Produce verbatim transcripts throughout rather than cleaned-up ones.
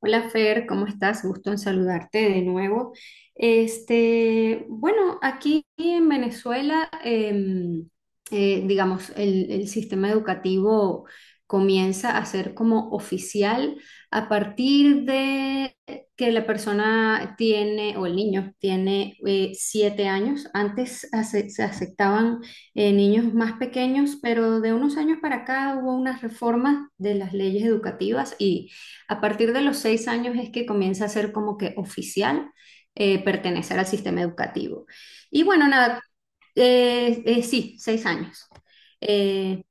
Hola Fer, ¿cómo estás? Gusto en saludarte de nuevo. Este, bueno, aquí en Venezuela, em, eh, digamos, el, el sistema educativo comienza a ser como oficial a partir de que la persona tiene, o el niño tiene eh, siete años. Antes ace- se aceptaban eh, niños más pequeños, pero de unos años para acá hubo unas reformas de las leyes educativas y a partir de los seis años es que comienza a ser como que oficial eh, pertenecer al sistema educativo. Y bueno, nada, eh, eh, sí, seis años. Eh,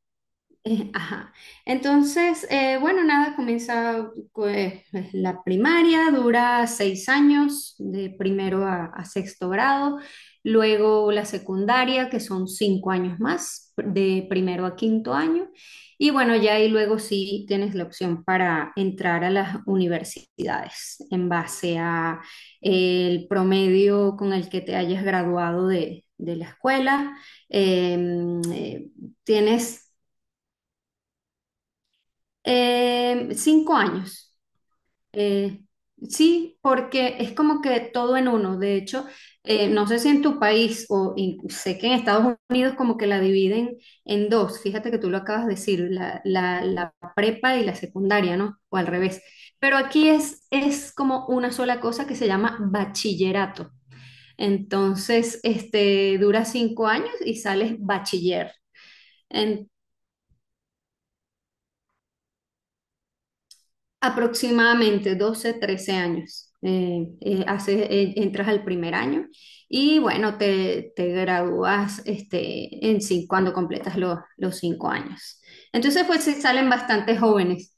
eh, Ajá. Entonces, eh, bueno, nada, comienza pues, la primaria, dura seis años, de primero a, a sexto grado, luego la secundaria, que son cinco años más, de primero a quinto año, y bueno, ya ahí luego sí tienes la opción para entrar a las universidades en base a el promedio con el que te hayas graduado de, de la escuela. Em, eh, tienes eh, cinco años. Eh, sí, porque es como que todo en uno. De hecho, eh, no sé si en tu país o in- sé que en Estados Unidos como que la dividen en dos. Fíjate que tú lo acabas de decir, la, la- la prepa y la secundaria, ¿no? O al revés. Pero aquí es, es como una sola cosa que se llama bachillerato. Entonces, este, dura cinco años y sales bachiller. Aproximadamente doce trece años. Eh, eh, haces- eh, entras al primer año y bueno, te, te gradúas este, en cin- cuando completas los, los cinco años. Entonces, pues se salen bastante jóvenes.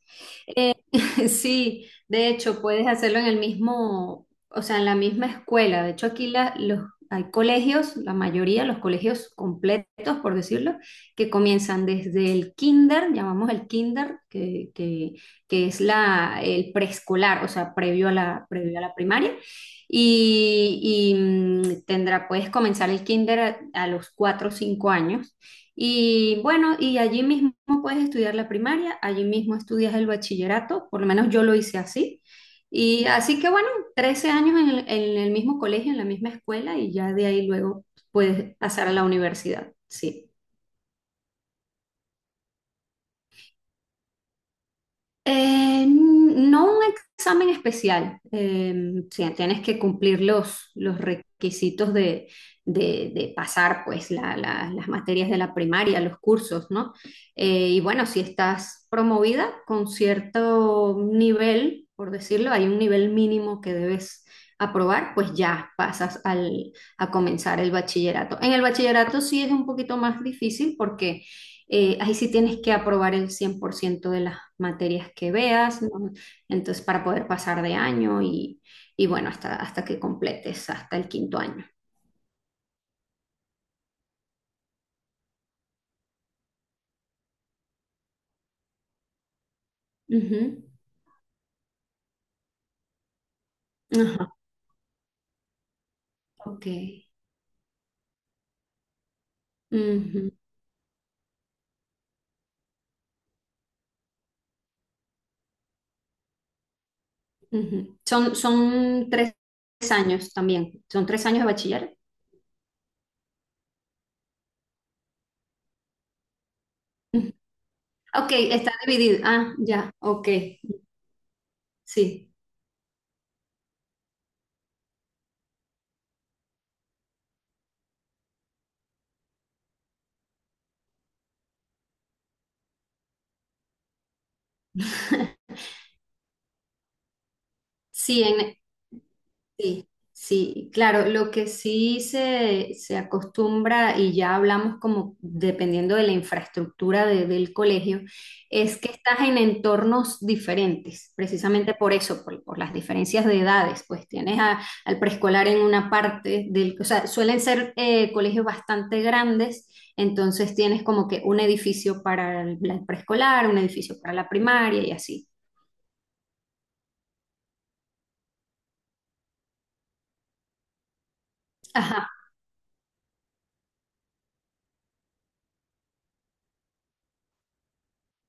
Sí, de hecho, puedes hacerlo en el mismo, o sea, en la misma escuela. De hecho, aquí la- los, hay colegios, la mayoría, los colegios completos, por decirlo, que comienzan desde el kinder, llamamos el kinder, que, que, que es la, el preescolar, o sea, previo a la, previo a la primaria. Y, y, mm, tendrá, puedes comenzar el kinder a, a los cuatro o cinco años y bueno, y allí mismo puedes estudiar la primaria, allí mismo estudias el bachillerato, por lo menos yo lo hice así. Y así que bueno, trece años en el, en el mismo colegio, en la misma escuela, y ya de ahí luego puedes pasar a la universidad. Sí. Eh, no un examen especial, eh, sí, tienes que cumplir los, los requisitos de, de- de pasar pues la- la- las materias de la primaria, los cursos, ¿no? Eh, y bueno, si estás promovida con cierto nivel, por decirlo, hay un nivel mínimo que debes aprobar, pues ya pasas al, a comenzar el bachillerato. En el bachillerato sí es un poquito más difícil porque eh, ahí sí tienes que aprobar el cien por ciento de las materias que veas, ¿no? Entonces, para poder pasar de año y, y bueno, hasta, hasta que completes, hasta el quinto año. Ujú. Ajá, ok. Ujú, ujú. Son, son tres años también, son tres años de bachiller. Ujú. Ok, está dividido. Ah, ya, ok. Sí. Sí, en, Sí, sí, claro, lo que sí se, se acostumbra, y ya hablamos como dependiendo de la infraestructura de- del colegio, es que estás en entornos diferentes, precisamente por eso, por, por las diferencias de edades, pues tienes a- al preescolar en una parte del, o sea, suelen ser eh, colegios bastante grandes, entonces tienes como que un edificio para el el preescolar, un edificio para la primaria y así. Ajá.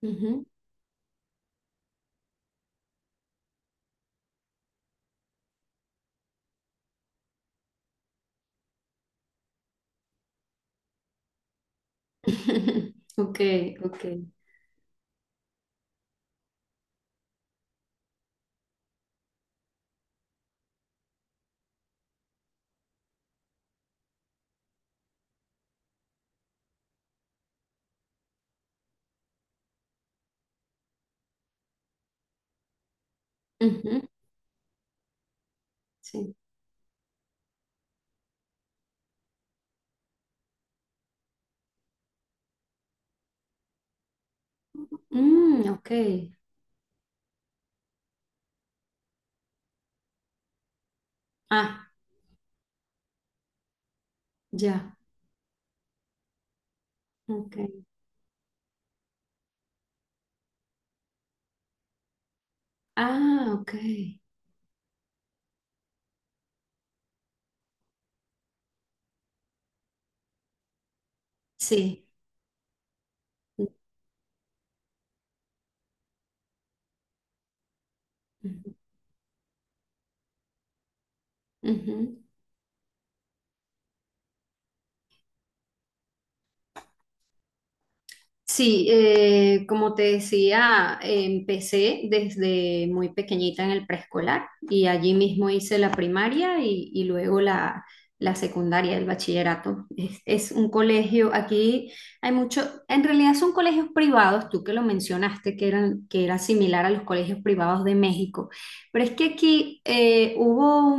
Ujú. Ok, ok. Ujú, sí. Mm, ok. Ah, ya. Ok. Ah, ok. Sí. Ujú, ujú. Sí, eh, como te decía, empecé desde muy pequeñita en el preescolar y allí mismo hice la primaria y, y luego la, la secundaria, el bachillerato. Es, es un colegio, aquí hay mucho, en realidad son colegios privados, tú que lo mencionaste, que eran, que era similar a los colegios privados de México, pero es que aquí eh, hubo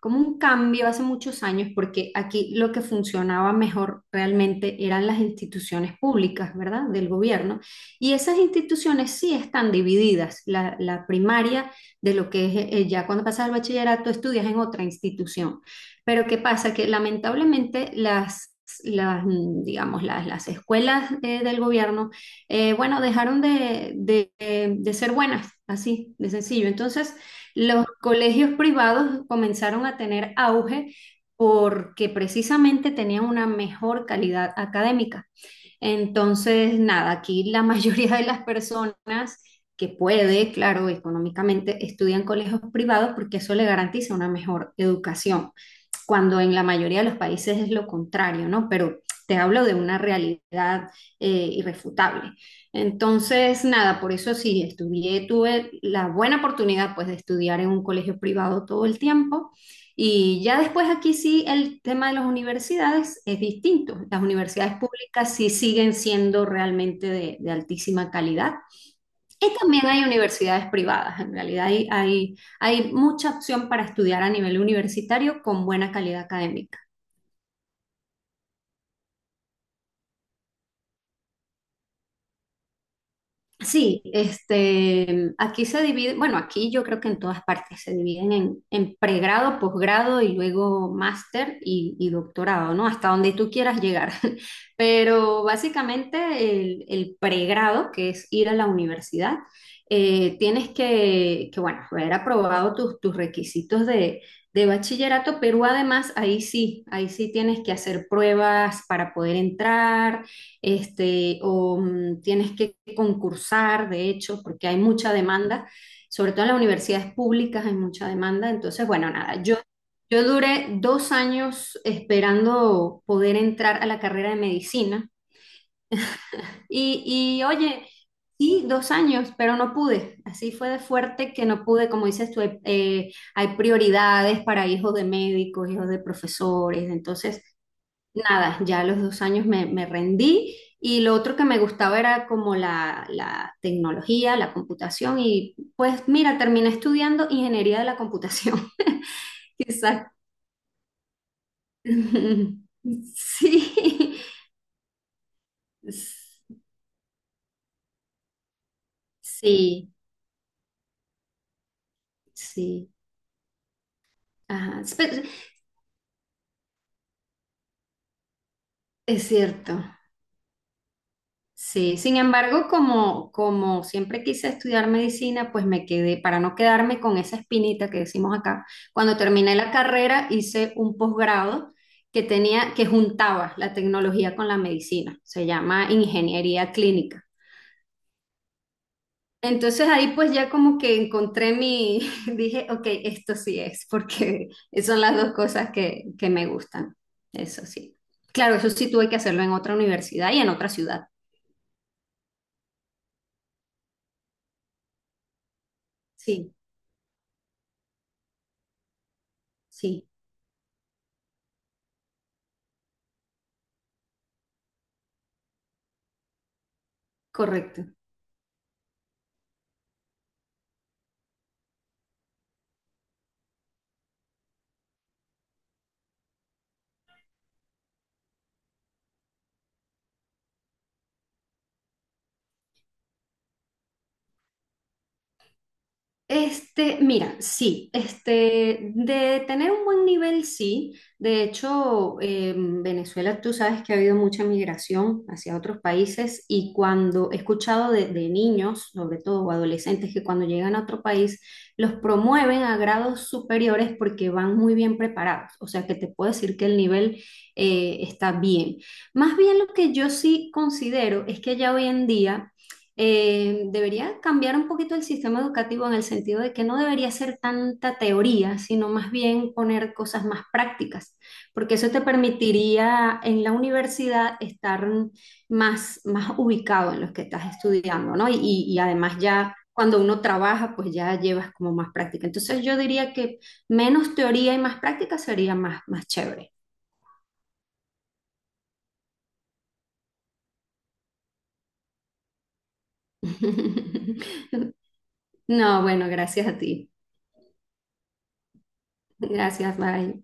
como un cambio hace muchos años, porque aquí lo que funcionaba mejor realmente eran las instituciones públicas, ¿verdad? Del gobierno. Y esas instituciones sí están divididas. La, la primaria de lo que es eh, ya cuando pasas al bachillerato estudias en otra institución. Pero ¿qué pasa? Que lamentablemente las... Las, mm, digamos, las, las escuelas eh, del gobierno, eh, bueno, dejaron de, de de ser buenas, así de sencillo. Entonces, los colegios privados comenzaron a tener auge porque precisamente tenían una mejor calidad académica. Entonces, nada, aquí la mayoría de las personas que puede, claro, económicamente, estudian colegios privados porque eso le garantiza una mejor educación cuando en la mayoría de los países es lo contrario, ¿no? Pero te hablo de una realidad eh, irrefutable. Entonces, nada, por eso sí, estudié, tuve la buena oportunidad pues de estudiar en un colegio privado todo el tiempo y ya después aquí sí el tema de las universidades es distinto. Las universidades públicas sí siguen siendo realmente de, de altísima calidad y también hay universidades privadas, en realidad hay, hay, hay mucha opción para estudiar a nivel universitario con buena calidad académica. Sí, este, aquí se divide, bueno, aquí yo creo que en todas partes se dividen en, en pregrado, posgrado y luego máster y, y doctorado, ¿no? Hasta donde tú quieras llegar. Pero básicamente el, el pregrado, que es ir a la universidad, eh, tienes que, que, bueno, haber aprobado tus, tus requisitos de, de bachillerato, pero además ahí sí, ahí sí tienes que hacer pruebas para poder entrar este, o mm, tienes que concursar, de hecho, porque hay mucha demanda, sobre todo en las universidades públicas hay mucha demanda. Entonces, bueno, nada, yo, yo duré dos años esperando poder entrar a la carrera de medicina y, y oye, sí, dos años, pero no pude. Así fue de fuerte que no pude, como dices tú, hay eh, hay prioridades para hijos de médicos, hijos de profesores, entonces... Nada, ya a los dos años me, me rendí y lo otro que me gustaba era como la, la tecnología, la computación y pues mira, terminé estudiando ingeniería de la computación. Quizás. Sí, sí, sí. Ajá. Espe- Es cierto. Sí, sin embargo, como, como siempre quise estudiar medicina, pues me quedé, para no quedarme con esa espinita que decimos acá, cuando terminé la carrera hice un posgrado que tenía, que juntaba la tecnología con la medicina, se llama ingeniería clínica. Entonces ahí pues ya como que encontré mi, dije, ok, esto sí es, porque son las dos cosas que, que me gustan, eso sí. Claro, eso sí tuve que hacerlo en otra universidad y en otra ciudad. Sí, sí, correcto. Este, mira, sí, este, de tener un buen nivel, sí. De hecho, eh, Venezuela, tú sabes que ha habido mucha migración hacia otros países y cuando he escuchado de, de niños, sobre todo o adolescentes, que cuando llegan a otro país los promueven a grados superiores porque van muy bien preparados. O sea, que te puedo decir que el nivel eh, está bien. Más bien lo que yo sí considero es que ya hoy en día eh, debería cambiar un poquito el sistema educativo en el sentido de que no debería ser tanta teoría, sino más bien poner cosas más prácticas, porque eso te permitiría en la universidad estar más, más ubicado en lo que estás estudiando, ¿no? Y, y además ya cuando uno trabaja, pues ya llevas como más práctica. Entonces yo diría que menos teoría y más práctica sería más, más chévere. No, bueno, gracias a ti. Gracias, bye.